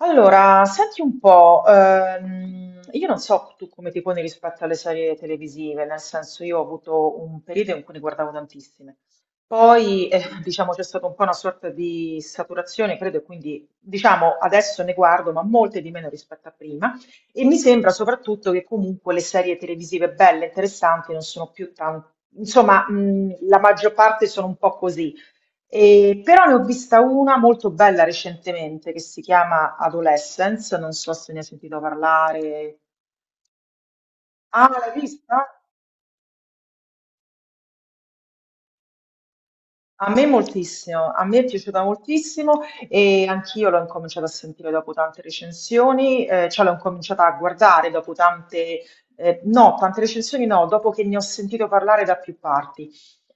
Allora, senti un po', io non so tu come ti poni rispetto alle serie televisive, nel senso io ho avuto un periodo in cui ne guardavo tantissime, poi diciamo c'è stata un po' una sorta di saturazione, credo, e quindi diciamo adesso ne guardo, ma molte di meno rispetto a prima, e mi sembra soprattutto che comunque le serie televisive belle, interessanti, non sono più tanto, insomma, la maggior parte sono un po' così. Però ne ho vista una molto bella recentemente che si chiama Adolescence, non so se ne hai sentito parlare. Ah, l'hai vista? A me moltissimo, a me è piaciuta moltissimo e anch'io l'ho incominciata a sentire dopo tante recensioni, cioè l'ho incominciata a guardare dopo tante recensioni no, dopo che ne ho sentito parlare da più parti.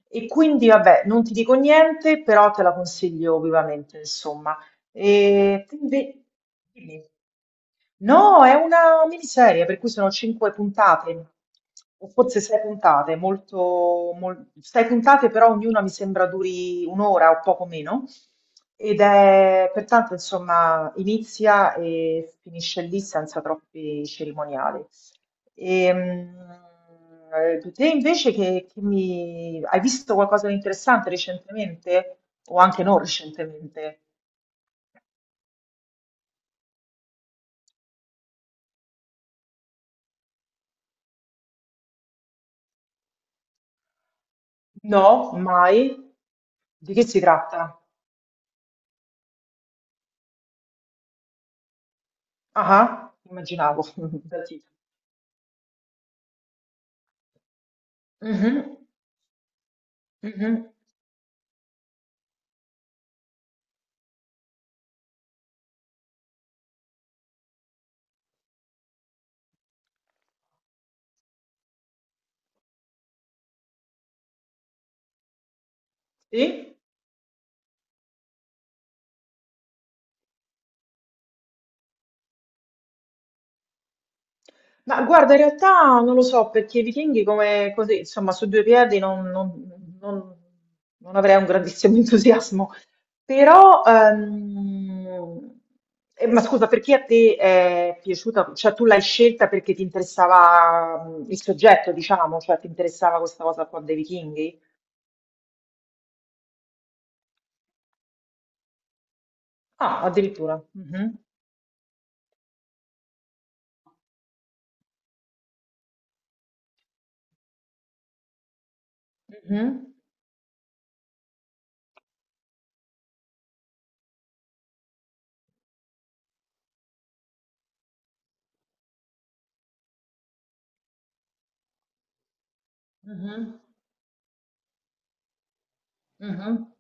E quindi vabbè, non ti dico niente, però te la consiglio vivamente, insomma. E, quindi, dimmi. No, è una miniserie, per cui sono cinque puntate, o forse sei puntate, sei puntate, però ognuna mi sembra duri un'ora o poco meno. Ed è pertanto, insomma, inizia e finisce lì senza troppi cerimoniali. Ehm, Te invece che mi... hai visto qualcosa di interessante recentemente? O anche non recentemente? No, mai? Di che si tratta? Ah, immaginavo, dal titolo. Mhm, mhm. Sì? Ma guarda, in realtà non lo so, perché i vichinghi come così, insomma, su due piedi non avrei un grandissimo entusiasmo. Però, ma scusa, perché a te è piaciuta? Cioè, tu l'hai scelta perché ti interessava il soggetto, diciamo, cioè ti interessava questa cosa qua dei vichinghi? Ah, addirittura. Mhm, mhm, mhm, mhm.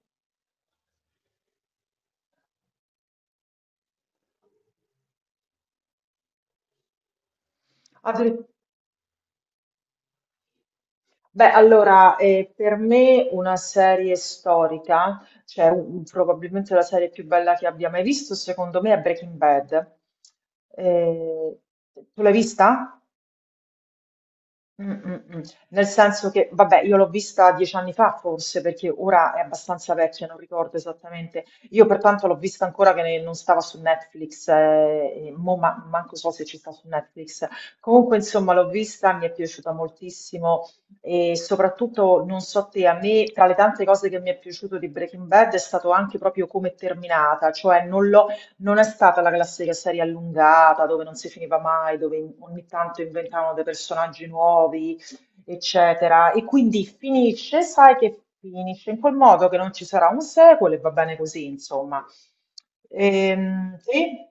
Addir- Beh, allora, per me una serie storica, cioè probabilmente la serie più bella che abbia mai visto, secondo me è Breaking Bad. Eh, Tu l'hai vista? Mh, mh, mh. Nel senso che, vabbè, io l'ho vista 10 anni fa forse, perché ora è abbastanza vecchia, non ricordo esattamente. Io pertanto l'ho vista ancora che non stava su Netflix, e mo manco so se ci sta su Netflix. Comunque, insomma, l'ho vista, mi è piaciuta moltissimo e soprattutto, non so te, a me tra le tante cose che mi è piaciuto di Breaking Bad è stato anche proprio come è terminata, cioè non è stata la classica serie allungata dove non si finiva mai, dove ogni tanto inventavano dei personaggi nuovi, eccetera. E quindi finisce, sai che finisce in quel modo che non ci sarà un sequel e va bene così, insomma. Sì?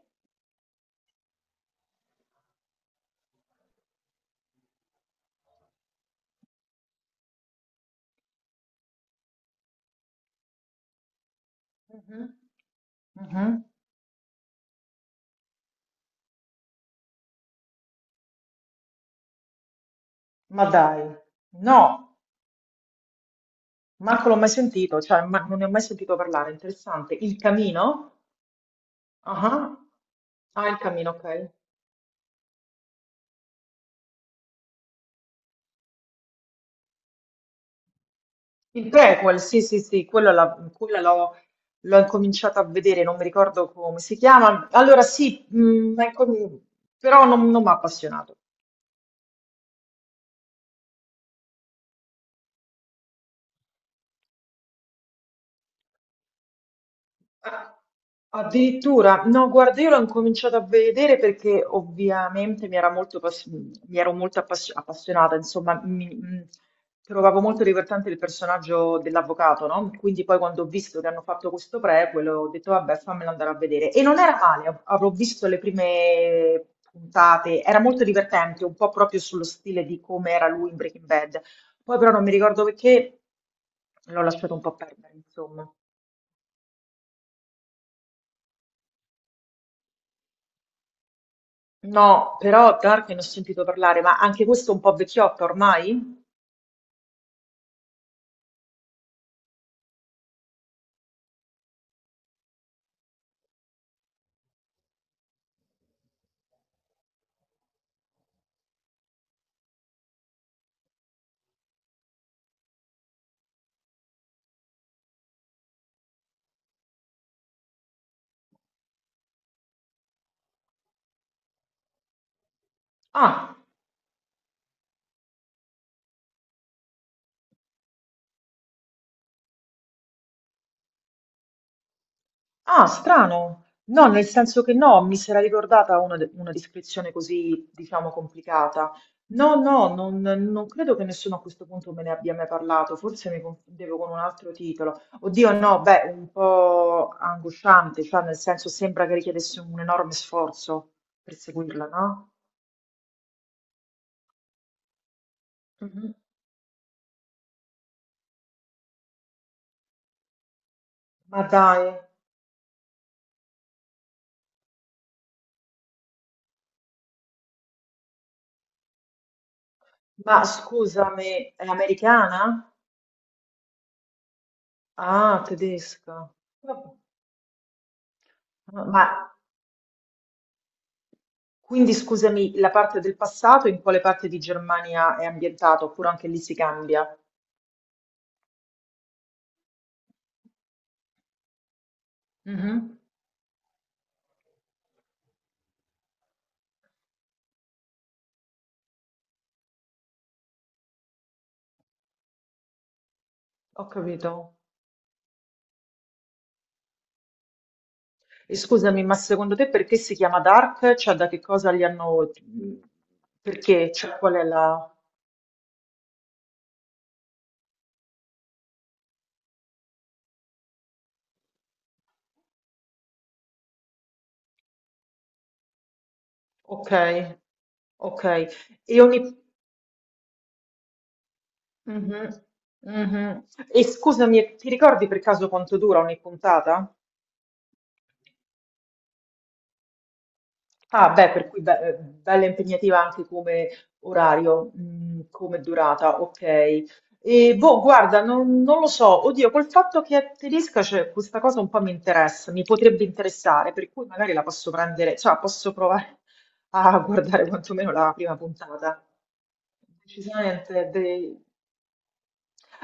Mhm, mhm. Ma dai, no, manco l'ho mai sentito, cioè non ne ho mai sentito parlare. Interessante. Il Camino? Ah, ah. Ah, il Camino, ok. Il prequel, sì, sì, sì, quella l'ho incominciata a vedere, non mi ricordo come si chiama. Allora sì, però non mi ha appassionato. Ah, Addirittura, no, guarda, io l'ho incominciato a vedere perché ovviamente era molto mi ero molto appassionata, insomma, trovavo molto divertente il personaggio dell'avvocato, no? Quindi poi quando ho visto che hanno fatto questo prequel ho detto, vabbè, fammelo andare a vedere. E non era male, avrò visto le prime puntate, era molto divertente, un po' proprio sullo stile di come era lui in Breaking Bad. Poi però non mi ricordo perché l'ho lasciato un po' perdere, insomma. No, però Dark ne ho sentito parlare, ma anche questo è un po' vecchiotto ormai? Ah, ah, strano. No, nel senso che no, mi si era ricordata una descrizione così, diciamo, complicata. No, no, non credo che nessuno a questo punto me ne abbia mai parlato, forse mi confondevo con un altro titolo. Oddio, no, beh, un po' angosciante, cioè nel senso sembra che richiedesse un enorme sforzo per seguirla, no? Mhm. Ma dai, ma scusami, è americana? Ah, tedesca. Vabbè. Ma quindi scusami, la parte del passato in quale parte di Germania è ambientata? Oppure anche lì si cambia? Mhm, ho capito. E scusami, ma secondo te perché si chiama Dark? Cioè, da che cosa li hanno... Perché? Cioè, qual è la... Ok, ok. E ogni... Mhm, mhm. E scusami, ti ricordi per caso quanto dura ogni puntata? Ah, beh, per cui bella impegnativa anche come orario, come durata, ok. E boh, guarda, non lo so, oddio, col fatto che è tedesca, cioè, questa cosa un po' mi interessa, mi potrebbe interessare, per cui magari la posso prendere, cioè posso provare a guardare quantomeno la prima puntata. Decisamente.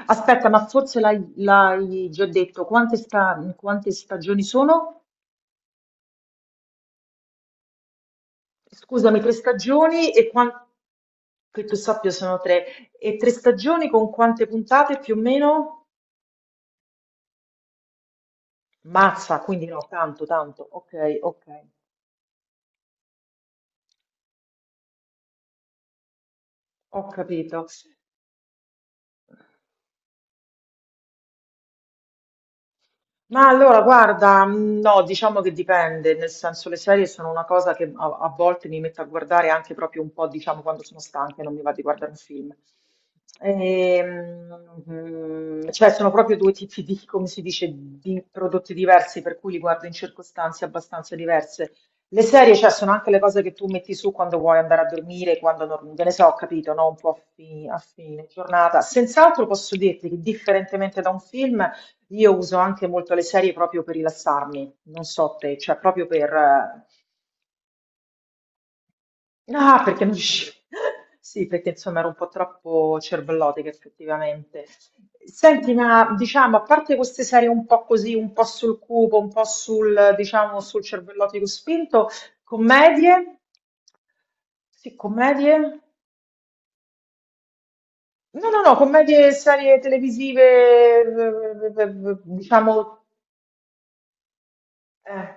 Aspetta, ma forse l'hai già detto, quante stagioni sono? Scusami, tre stagioni e quanto che tu sappia sono tre. E tre stagioni con quante puntate più o meno? Mazza, quindi no, tanto, tanto. Ok, ok, ho capito. Ma allora, guarda, no, diciamo che dipende, nel senso le serie sono una cosa che a volte mi metto a guardare anche proprio un po', diciamo, quando sono stanca e non mi va di guardare un film. Cioè, sono proprio due tipi di, come si dice, di prodotti diversi, per cui li guardo in circostanze abbastanza diverse. Le serie, cioè, sono anche le cose che tu metti su quando vuoi andare a dormire, quando non, che ne so, ho capito, no? Un po' a a fine giornata. Sent'altro posso dirti che, differentemente da un film, io uso anche molto le serie proprio per rilassarmi, non so te, cioè proprio per... Ah, perché non riuscivo... Sì, perché insomma ero un po' troppo cervellotica effettivamente. Senti, ma diciamo, a parte queste serie un po' così, un po' sul cupo, un po' sul, diciamo, sul cervellotico spinto, commedie? Sì, commedie? No, no, no, commedie, serie televisive, diciamo eh,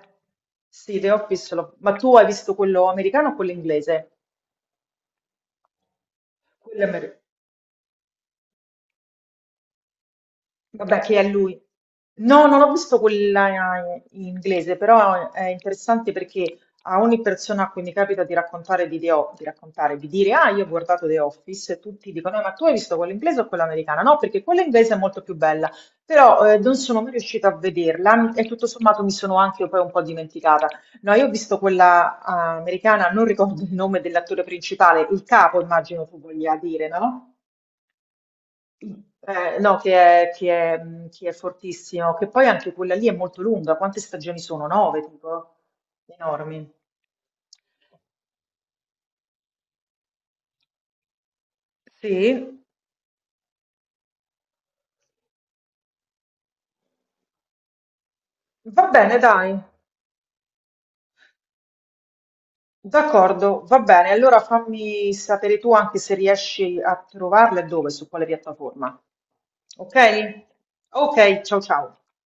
sì, The Office, ma tu hai visto quello americano o quello inglese? Quello americano. Vabbè, che è lui. No, non ho visto quella in inglese, però è interessante perché a ogni persona a cui mi capita di raccontare di dire, ah, io ho guardato The Office, e tutti dicono, ma tu hai visto quella inglese o quella americana? No, perché quella inglese è molto più bella, però non sono mai riuscita a vederla e tutto sommato mi sono anche poi un po' dimenticata. No, io ho visto quella americana, non ricordo il nome dell'attore principale, il capo immagino tu voglia dire, no? No, che è fortissimo, che poi anche quella lì è molto lunga. Quante stagioni sono? Nove, tipo? Enormi. Sì, va bene, dai. D'accordo, va bene. Allora fammi sapere tu anche se riesci a trovarla e dove, su quale piattaforma. Ok? Ok, ciao ciao.